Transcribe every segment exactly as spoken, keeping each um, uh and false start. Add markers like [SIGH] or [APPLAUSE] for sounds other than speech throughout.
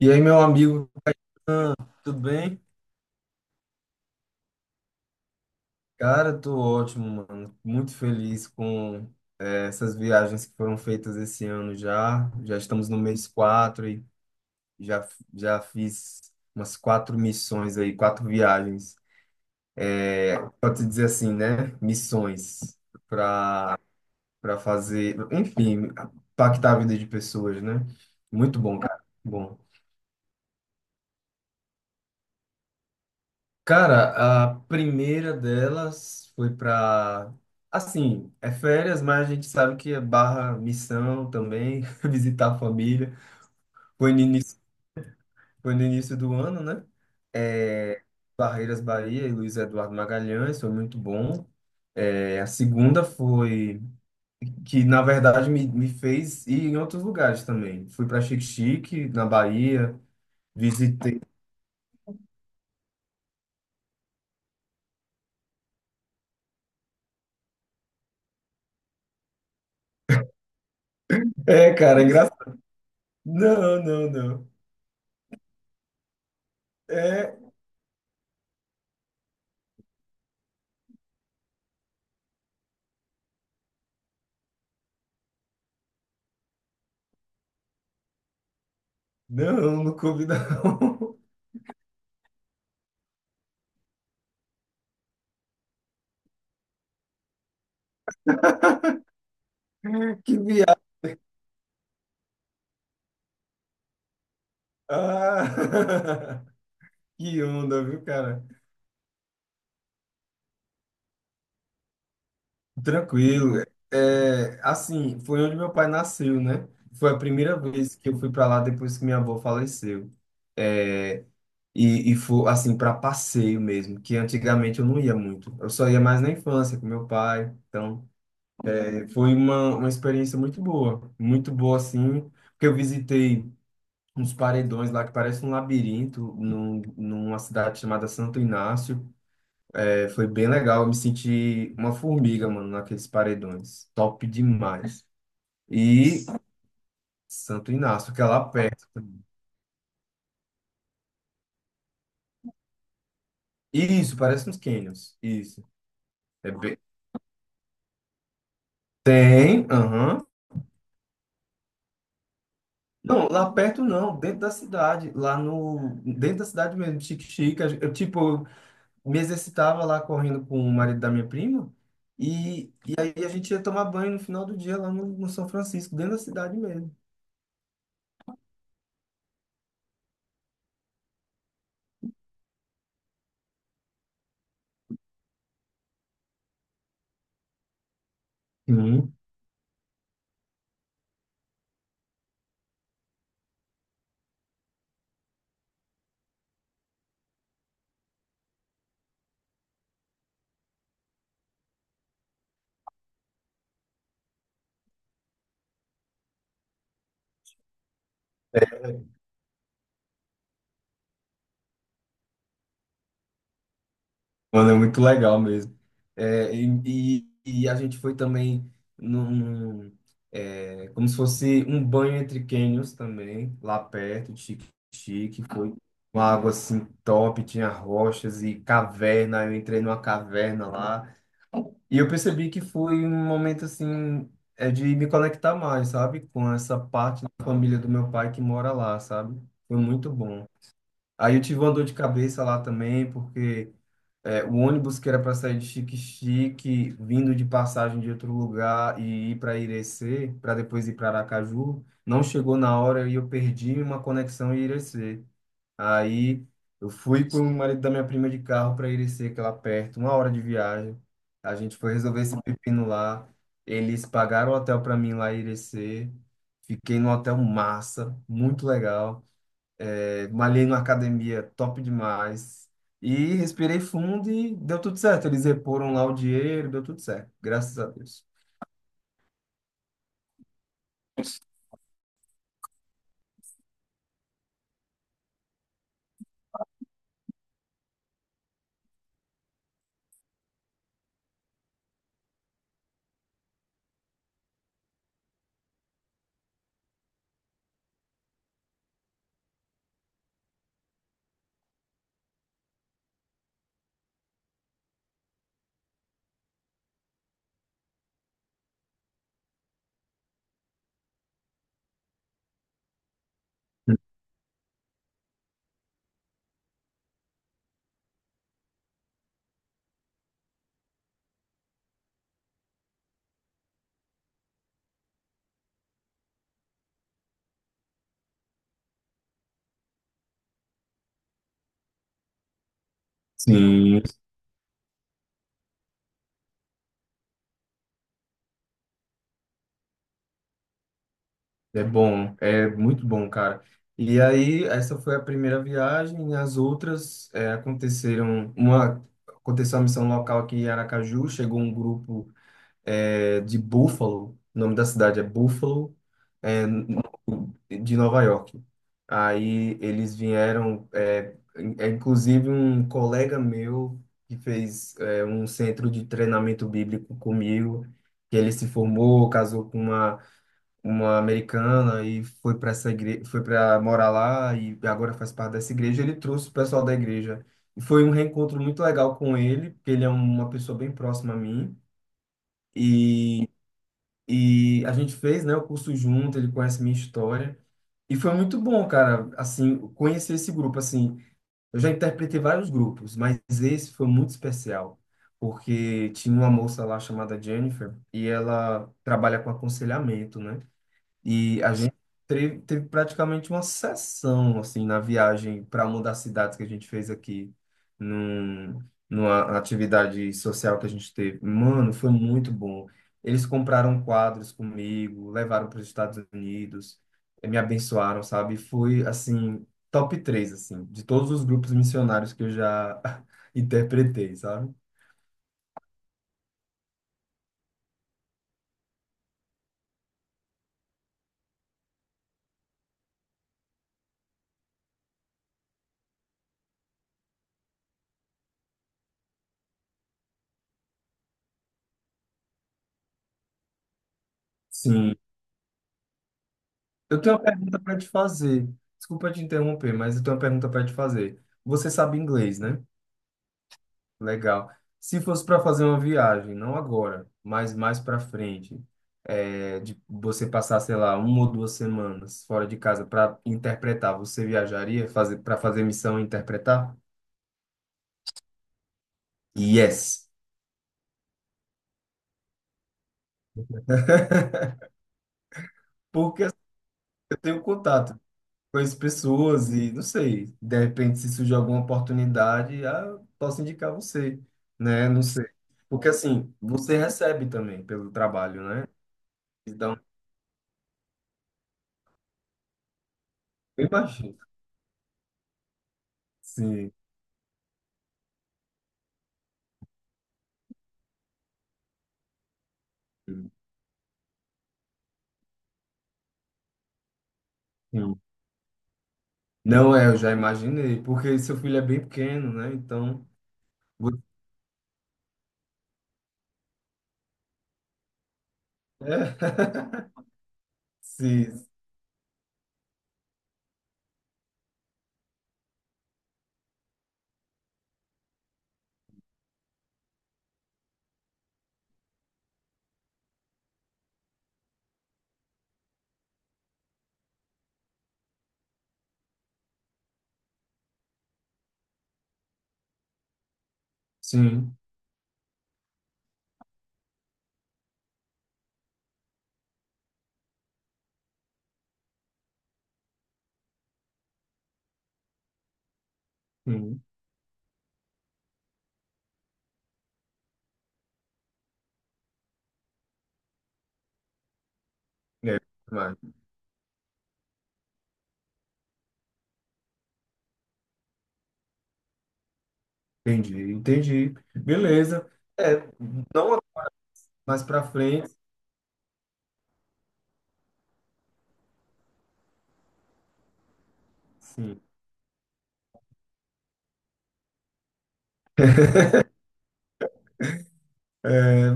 E aí, meu amigo, tudo bem? Cara, tô ótimo, mano. Muito feliz com é, essas viagens que foram feitas esse ano já. Já estamos no mês quatro e já, já fiz umas quatro missões aí, quatro viagens. Pode se dizer assim, né? Missões para para fazer, enfim, impactar a vida de pessoas, né? Muito bom, cara. Bom. Cara, a primeira delas foi pra assim, é férias, mas a gente sabe que é barra missão também, [LAUGHS] visitar a família. Foi no início, foi no início do ano, né? É, Barreiras Bahia e Luiz Eduardo Magalhães, foi muito bom. É, a segunda foi que, na verdade, me, me fez ir em outros lugares também. Fui para Xique-Xique, na Bahia, visitei. É, cara, engraçado. Não, não, não. É, não, não comi não. [LAUGHS] Que viagem. Ah, [LAUGHS] que onda, viu, cara? Tranquilo. É, assim, foi onde meu pai nasceu, né? Foi a primeira vez que eu fui para lá depois que minha avó faleceu. É, e, e foi, assim, para passeio mesmo, que antigamente eu não ia muito. Eu só ia mais na infância com meu pai. Então, é, foi uma, uma experiência muito boa. Muito boa, assim, porque eu visitei uns paredões lá que parece um labirinto num, numa cidade chamada Santo Inácio. É, foi bem legal, eu me senti uma formiga, mano, naqueles paredões. Top demais. E Santo Inácio, que é lá perto. Isso, parece uns canyons. Isso. É bem... Tem, aham. Não, lá perto não, dentro da cidade, lá no, dentro da cidade mesmo, Chique Chique, eu, tipo, me exercitava lá correndo com o marido da minha prima, e, e aí a gente ia tomar banho no final do dia lá no, no São Francisco, dentro da cidade mesmo. Sim. Mano, é muito legal mesmo. É, e, e- e a gente foi também num, é, como se fosse um banho entre cânions também, lá perto, de Chique-Chique. Foi uma água assim top, tinha rochas e caverna. Eu entrei numa caverna lá. E eu percebi que foi um momento assim, é de me conectar mais, sabe? Com essa parte da família do meu pai que mora lá, sabe? Foi muito bom. Aí eu tive uma dor de cabeça lá também, porque é, o ônibus que era para sair de Xique-Xique, vindo de passagem de outro lugar e ir para Irecê, para depois ir para Aracaju, não chegou na hora e eu perdi uma conexão em Irecê. Aí eu fui com o marido da minha prima de carro para Irecê, que é lá perto, uma hora de viagem. A gente foi resolver esse pepino lá. Eles pagaram o hotel para mim lá em Irecê. Fiquei no hotel massa, muito legal. É, malhei numa academia top demais. E respirei fundo e deu tudo certo. Eles reporam lá o dinheiro, deu tudo certo. Graças a Deus. Sim. É bom, é muito bom, cara. E aí, essa foi a primeira viagem. As outras é, aconteceram. Uma aconteceu uma missão local aqui em Aracaju. Chegou um grupo é, de Buffalo. O nome da cidade é Buffalo. é, de Nova York. Aí eles vieram, é, in- é, inclusive um colega meu que fez é, um centro de treinamento bíblico comigo, que ele se formou, casou com uma, uma americana e foi para essa igreja, foi para morar lá e agora faz parte dessa igreja. Ele trouxe o pessoal da igreja. E foi um reencontro muito legal com ele, porque ele é uma pessoa bem próxima a mim. E a gente fez, né, o curso junto, ele conhece minha história. E foi muito bom, cara, assim, conhecer esse grupo, assim. Eu já interpretei vários grupos, mas esse foi muito especial, porque tinha uma moça lá chamada Jennifer e ela trabalha com aconselhamento, né? E a gente teve, teve praticamente uma sessão assim na viagem para uma das cidades que a gente fez aqui, num, numa atividade social que a gente teve. Mano, foi muito bom. Eles compraram quadros comigo, levaram para os Estados Unidos, eh, me abençoaram, sabe? Foi assim, top três assim, de todos os grupos missionários que eu já [LAUGHS] interpretei, sabe? Sim. Eu tenho uma pergunta para te fazer. Desculpa te interromper, mas eu tenho uma pergunta para te fazer. Você sabe inglês, né? Legal. Se fosse para fazer uma viagem, não agora, mas mais para frente, é, de você passar, sei lá, uma ou duas semanas fora de casa para interpretar, você viajaria fazer para fazer missão e interpretar? Yes. [LAUGHS] Porque assim, eu tenho contato. Conheço pessoas e não sei, de repente se surgir alguma oportunidade, ah, eu posso indicar você, né? Não sei. Porque assim, você recebe também pelo trabalho, né? Então, eu imagino. Sim. Sim. Não é, eu já imaginei, porque seu filho é bem pequeno, né? Então, você... É. [LAUGHS] Sim, sim. Sim. É, mas entendi, entendi. Beleza. É, não mais para frente. Sim.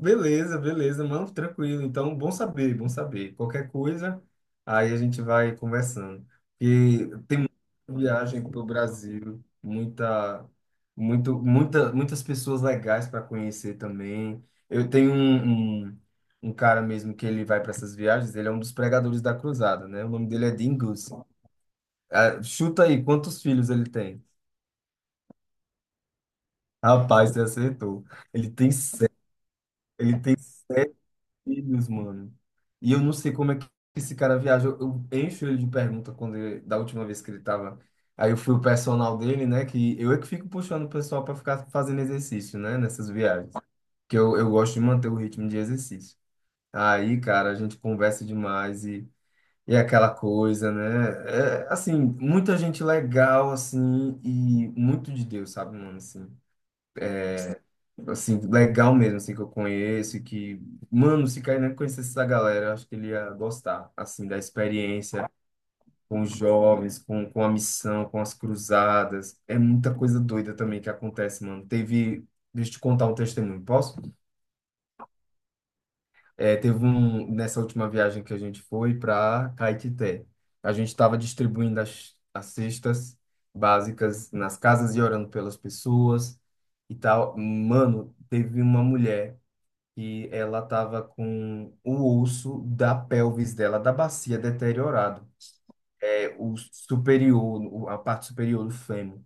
Beleza, beleza, mano, tranquilo. Então, bom saber, bom saber. Qualquer coisa, aí a gente vai conversando. E viagem para o Brasil, muita, muito, muita, muitas pessoas legais para conhecer também. Eu tenho um, um, um cara mesmo que ele vai para essas viagens, ele é um dos pregadores da cruzada, né? O nome dele é Dingus. Ah, chuta aí, quantos filhos ele tem? Rapaz, você acertou. Ele tem sete, ele tem sete filhos, mano. E eu não sei como é que esse cara viaja. Eu, eu encho ele de pergunta quando ele- da última vez que ele tava. Aí eu fui o personal dele, né? Que eu é que fico puxando o pessoal para ficar fazendo exercício, né? Nessas viagens. Que eu, eu gosto de manter o ritmo de exercício. Aí, cara, a gente conversa demais e, e é aquela coisa, né? É, assim, muita gente legal, assim, e muito de Deus, sabe, mano? Assim assim, legal mesmo, assim, que eu conheço, e que, mano, se Kainan conhecesse essa galera, eu acho que ele ia gostar, assim, da experiência com os jovens, com, com a missão, com as cruzadas. É muita coisa doida também que acontece, mano. Teve, deixa eu te contar um testemunho, posso? É, teve um, nessa última viagem que a gente foi para Caetité. A gente estava distribuindo as, as cestas básicas nas casas e orando pelas pessoas e tal. Mano, teve uma mulher que ela estava com o osso da pelvis dela, da bacia deteriorado, é o superior, o- a parte superior do fêmur.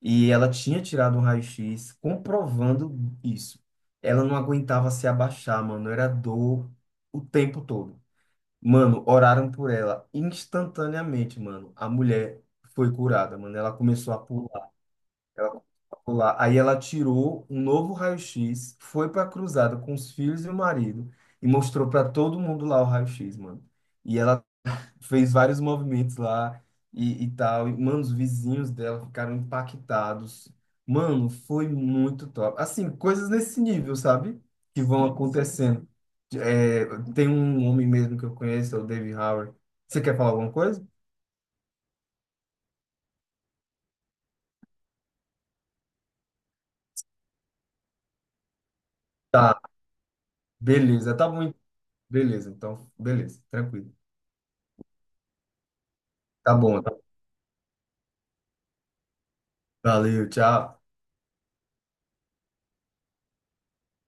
E ela tinha tirado um raio-x comprovando isso. Ela não aguentava se abaixar, mano, era dor o tempo todo. Mano, oraram por ela instantaneamente, mano. A mulher foi curada, mano. Ela começou a pular. Ela ficou lá. Aí ela tirou um novo raio-x, foi para a cruzada com os filhos e o marido e mostrou para todo mundo lá o raio-x, mano. E ela fez vários movimentos lá e, e tal. E, mano, os vizinhos dela ficaram impactados. Mano, foi muito top. Assim, coisas nesse nível, sabe? Que vão, sim, sim, acontecendo. É, tem um homem mesmo que eu conheço, é o Dave Howard. Você quer falar alguma coisa? Tá, beleza, tá bom, então. Beleza, então, beleza, tranquilo. Tá bom. Valeu, tchau.